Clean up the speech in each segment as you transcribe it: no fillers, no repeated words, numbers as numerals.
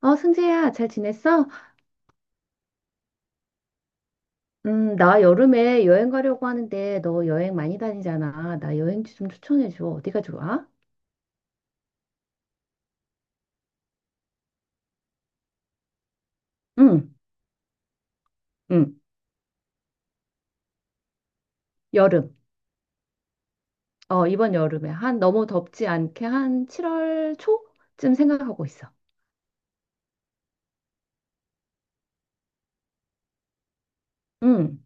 어, 승재야, 잘 지냈어? 나 여름에 여행 가려고 하는데, 너 여행 많이 다니잖아. 나 여행지 좀 추천해줘. 어디가 좋아? 응, 응, 여름. 어, 이번 여름에. 너무 덥지 않게 한 7월 초쯤 생각하고 있어. 응.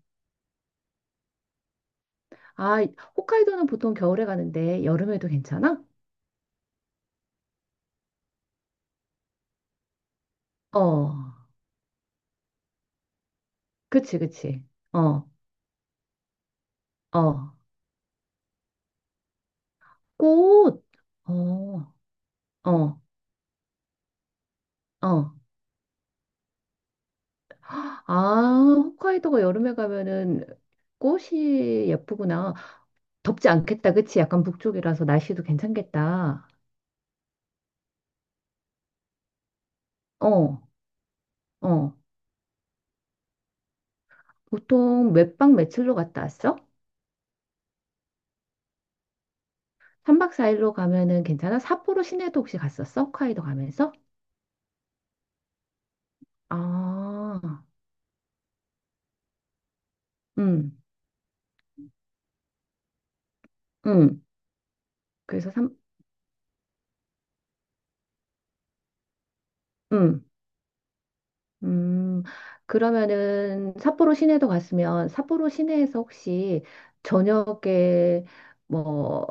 아, 홋카이도는 보통 겨울에 가는데, 여름에도 괜찮아? 어, 그치, 그치. 어, 어. 꽃! 어, 어, 어. 아, 홋카이도가 여름에 가면은 꽃이 예쁘구나. 덥지 않겠다, 그치? 약간 북쪽이라서 날씨도 괜찮겠다. 어, 어. 보통 몇 박 며칠로 갔다 왔어? 3박 4일로 가면은 괜찮아? 삿포로 시내도 혹시 갔었어? 홋카이도 가면서? 아, 음, 음. 그래서 삼, 음, 음. 그러면은 삿포로 시내도 갔으면 삿포로 시내에서 혹시 저녁에 뭐,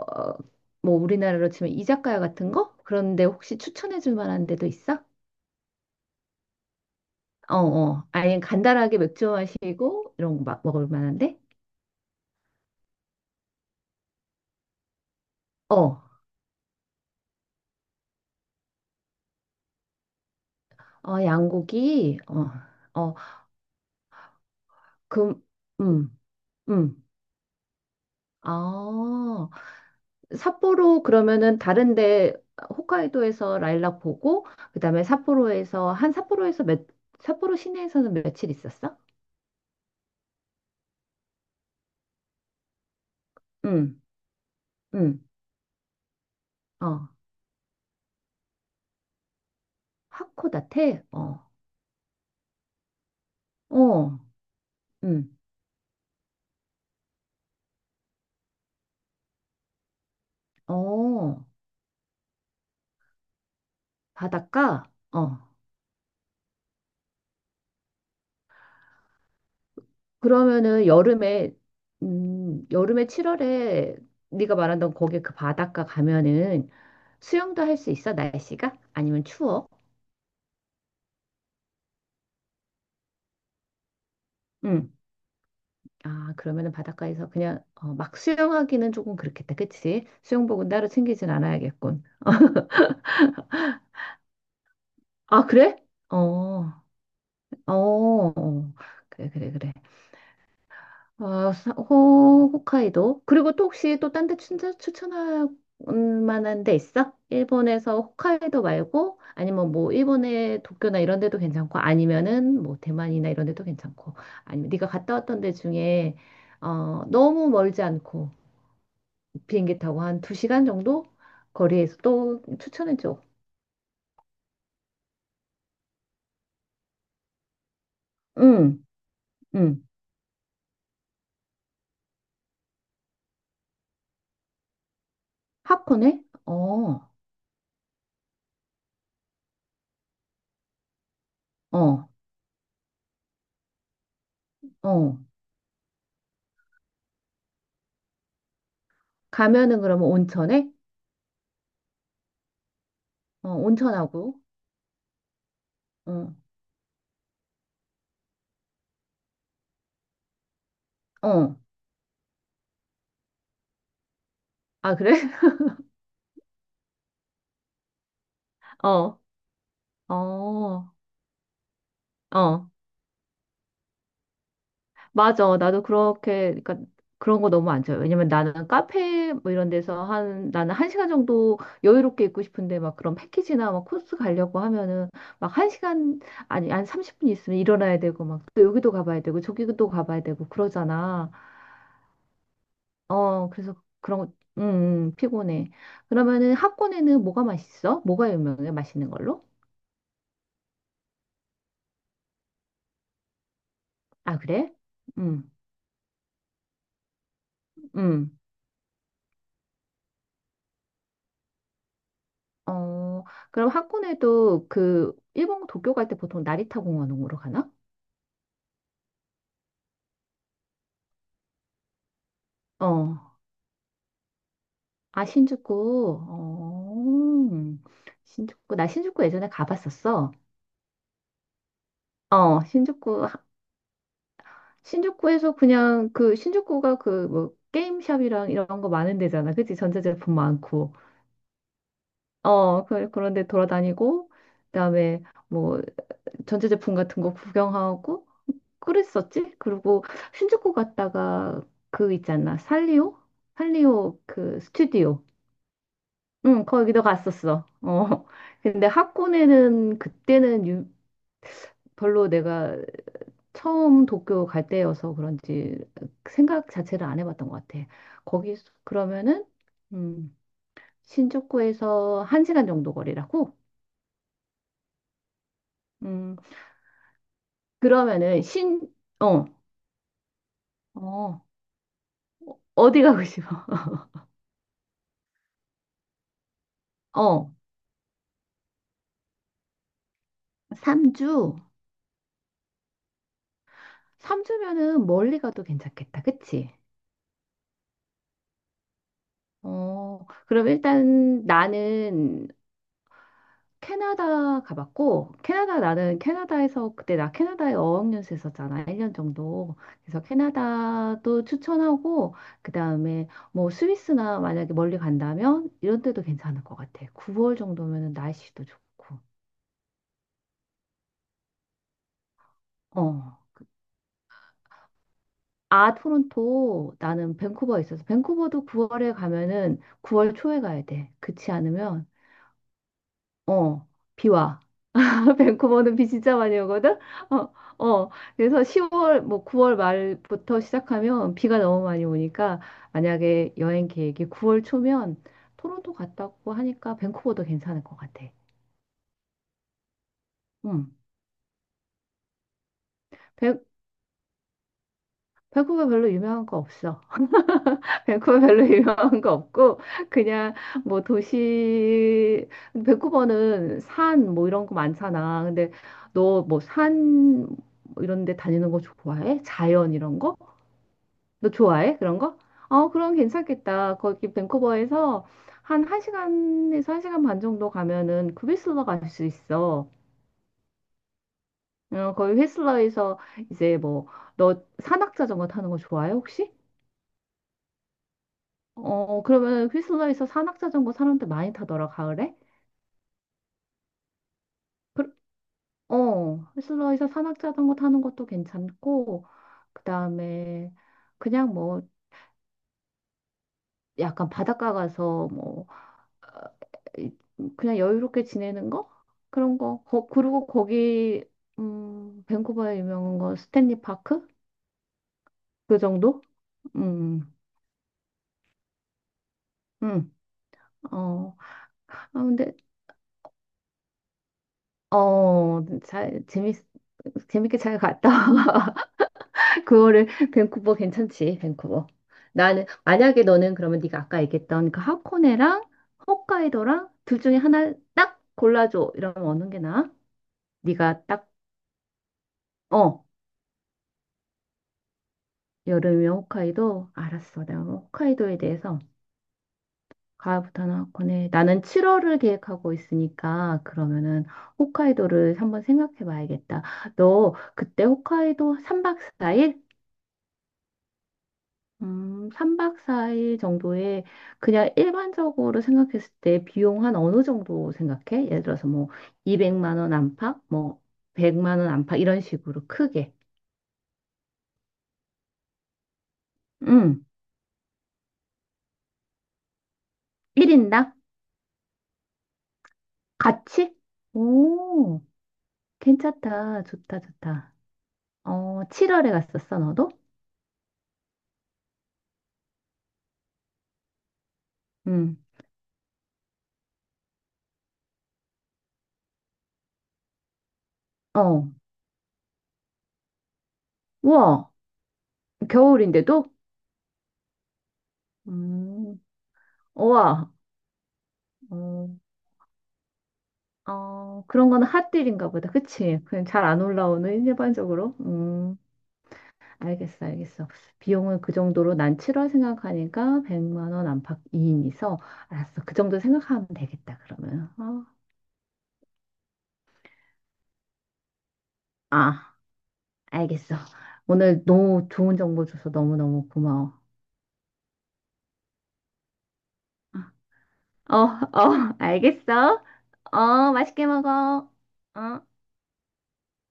뭐 우리나라로 치면 이자카야 같은 거? 그런데 혹시 추천해 줄 만한 데도 있어? 어, 어. 아니, 간단하게 맥주 마시고, 이런 거 먹을 만한데? 어, 어, 양고기, 어, 어, 그, 음, 음. 아, 삿포로 그러면은 다른데, 홋카이도에서 라일락 보고, 그 다음에 삿포로에서, 삿포로 시내에서는 며칠 있었어? 음, 음, 어. 하코다테? 어, 어, 음, 어. 바닷가? 어, 그러면은 여름에 7월에 네가 말한던 거기 그 바닷가 가면은 수영도 할 수 있어? 날씨가? 아니면 추워? 응. 아, 그러면은 바닷가에서 그냥 막 수영하기는 조금 그렇겠다. 그치? 수영복은 따로 챙기진 않아야겠군. 아, 그래? 어. 어. 어. 그래, 그래, 그래. 홋카이도. 그리고 또 혹시 또 딴 데 추천할 만한 데 있어? 일본에서 홋카이도 말고 아니면 뭐 일본의 도쿄나 이런 데도 괜찮고 아니면은 뭐 대만이나 이런 데도 괜찮고 아니면 네가 갔다 왔던 데 중에 너무 멀지 않고 비행기 타고 한 2시간 정도 거리에서 또 추천해 줘. 응, 응. 하코네? 어, 어, 어. 가면은 그러면 온천에? 어, 온천하고. 어, 어. 아, 그래? 어, 어, 어. 맞아. 나도 그렇게, 그러니까 그런 거 너무 안 좋아요. 왜냐면 나는 카페 뭐 이런 데서 나는 1시간 정도 여유롭게 있고 싶은데 막 그런 패키지나 막 코스 가려고 하면은 막 1시간, 아니, 한 30분 있으면 일어나야 되고 막 또 여기도 가봐야 되고 저기도 가봐야 되고 그러잖아. 어, 그래서 그런 거, 피곤해. 그러면은 학원에는 뭐가 맛있어? 뭐가 유명해? 맛있는 걸로? 아, 그래? 음, 음. 어, 그럼 학군에도 그 일본 도쿄 갈 때 보통 나리타 공원으로 가나? 어, 아 신주쿠. 어, 신주쿠. 나 신주쿠 예전에 가봤었어. 어, 신주쿠. 신주쿠에서 그냥 그 신주쿠가 그 뭐 게임샵이랑 이런 거 많은 데잖아. 그치? 전자제품 많고. 어, 그런데 돌아다니고 그다음에 뭐 전자제품 같은 거 구경하고 그랬었지? 그리고 신주쿠 갔다가 그 있잖아. 살리오? 살리오 그 스튜디오. 응, 거기도 갔었어. 어. 근데 하코네는 그때는 별로 내가 처음 도쿄 갈 때여서 그런지 생각 자체를 안 해봤던 것 같아. 거기 그러면은 음, 신주쿠에서 1시간 정도 거리라고? 음, 그러면은 어, 어, 어디 가고 싶어? 어, 3주? 3주면은 멀리 가도 괜찮겠다. 그치? 어, 그럼 일단 나는 캐나다 가봤고, 캐나다 나는 캐나다에서 그때 나 캐나다에 어학연수 했었잖아. 1년 정도. 그래서 캐나다도 추천하고, 그 다음에 뭐 스위스나 만약에 멀리 간다면 이런 데도 괜찮을 것 같아. 9월 정도면은 날씨도 좋고. 어. 아, 토론토, 나는 밴쿠버에 있어서, 밴쿠버도 9월에 가면은 9월 초에 가야 돼. 그렇지 않으면 어, 비 와. 밴쿠버는 비 진짜 많이 오거든? 어, 어. 그래서 10월, 뭐 9월 말부터 시작하면 비가 너무 많이 오니까 만약에 여행 계획이 9월 초면 토론토 갔다고 하니까 밴쿠버도 괜찮을 것 같아. 응. 밴, 밴쿠버 별로 유명한 거 없어. 밴쿠버 별로 유명한 거 없고, 그냥 뭐 도시, 밴쿠버는 산 뭐 이런 거 많잖아. 근데 너 뭐산 뭐 이런 데 다니는 거 좋아해? 자연 이런 거? 너 좋아해? 그런 거? 어, 그럼 괜찮겠다. 거기 밴쿠버에서 한 1시간에서 1시간 반 정도 가면은 그 휘슬러 갈 수 있어. 어, 거기 휘슬러에서 이제 뭐, 너 산악자전거 타는 거 좋아해, 혹시? 어, 그러면 휘슬러에서 산악자전거 사람들 많이 타더라, 가을에? 그, 휘슬러에서 산악자전거 타는 것도 괜찮고, 그 다음에 그냥 뭐, 약간 바닷가 가서 뭐, 이- 그냥 여유롭게 지내는 거? 그런 거. 거 그리고 거기 밴쿠버에 유명한 건 스탠리 파크? 그 정도? 음. 음. 어. 아 근데 잘 재밌게 잘 갔다. 그거를 밴쿠버 괜찮지. 밴쿠버. 나는 만약에 너는 그러면 네가 아까 얘기했던 그 하코네랑 홋카이도랑 둘 중에 하나 딱 골라줘. 이러면 어느 게 나아? 네가 딱 어, 여름이면 홋카이도? 알았어. 내가 홋카이도에 대해서 가을부터는 하코네. 나는 7월을 계획하고 있으니까 그러면은 홋카이도를 한번 생각해 봐야겠다. 너 그때 홋카이도 3박 4일? 3박 4일 정도에 그냥 일반적으로 생각했을 때 비용 한 어느 정도 생각해? 예를 들어서 뭐 200만 원 안팎, 뭐 100만 원 안팎 이런 식으로 크게. 음, 1인당 같이? 오. 괜찮다. 좋다, 좋다. 어, 7월에 갔었어, 너도? 응. 어. 우와. 겨울인데도? 음. 우와. 어, 어, 그런 거는 핫딜인가 보다. 그치? 그냥 잘 안 올라오는 일반적으로. 음. 알겠어, 알겠어. 비용은 그 정도로 난 7월 생각하니까 100만 원 안팎 2인이서 알았어. 그 정도 생각하면 되겠다, 그러면. 어. 아, 알겠어. 오늘 너무 좋은 정보 줘서 너무너무 고마워. 아. 어, 어, 알겠어. 어, 맛있게 먹어. 어.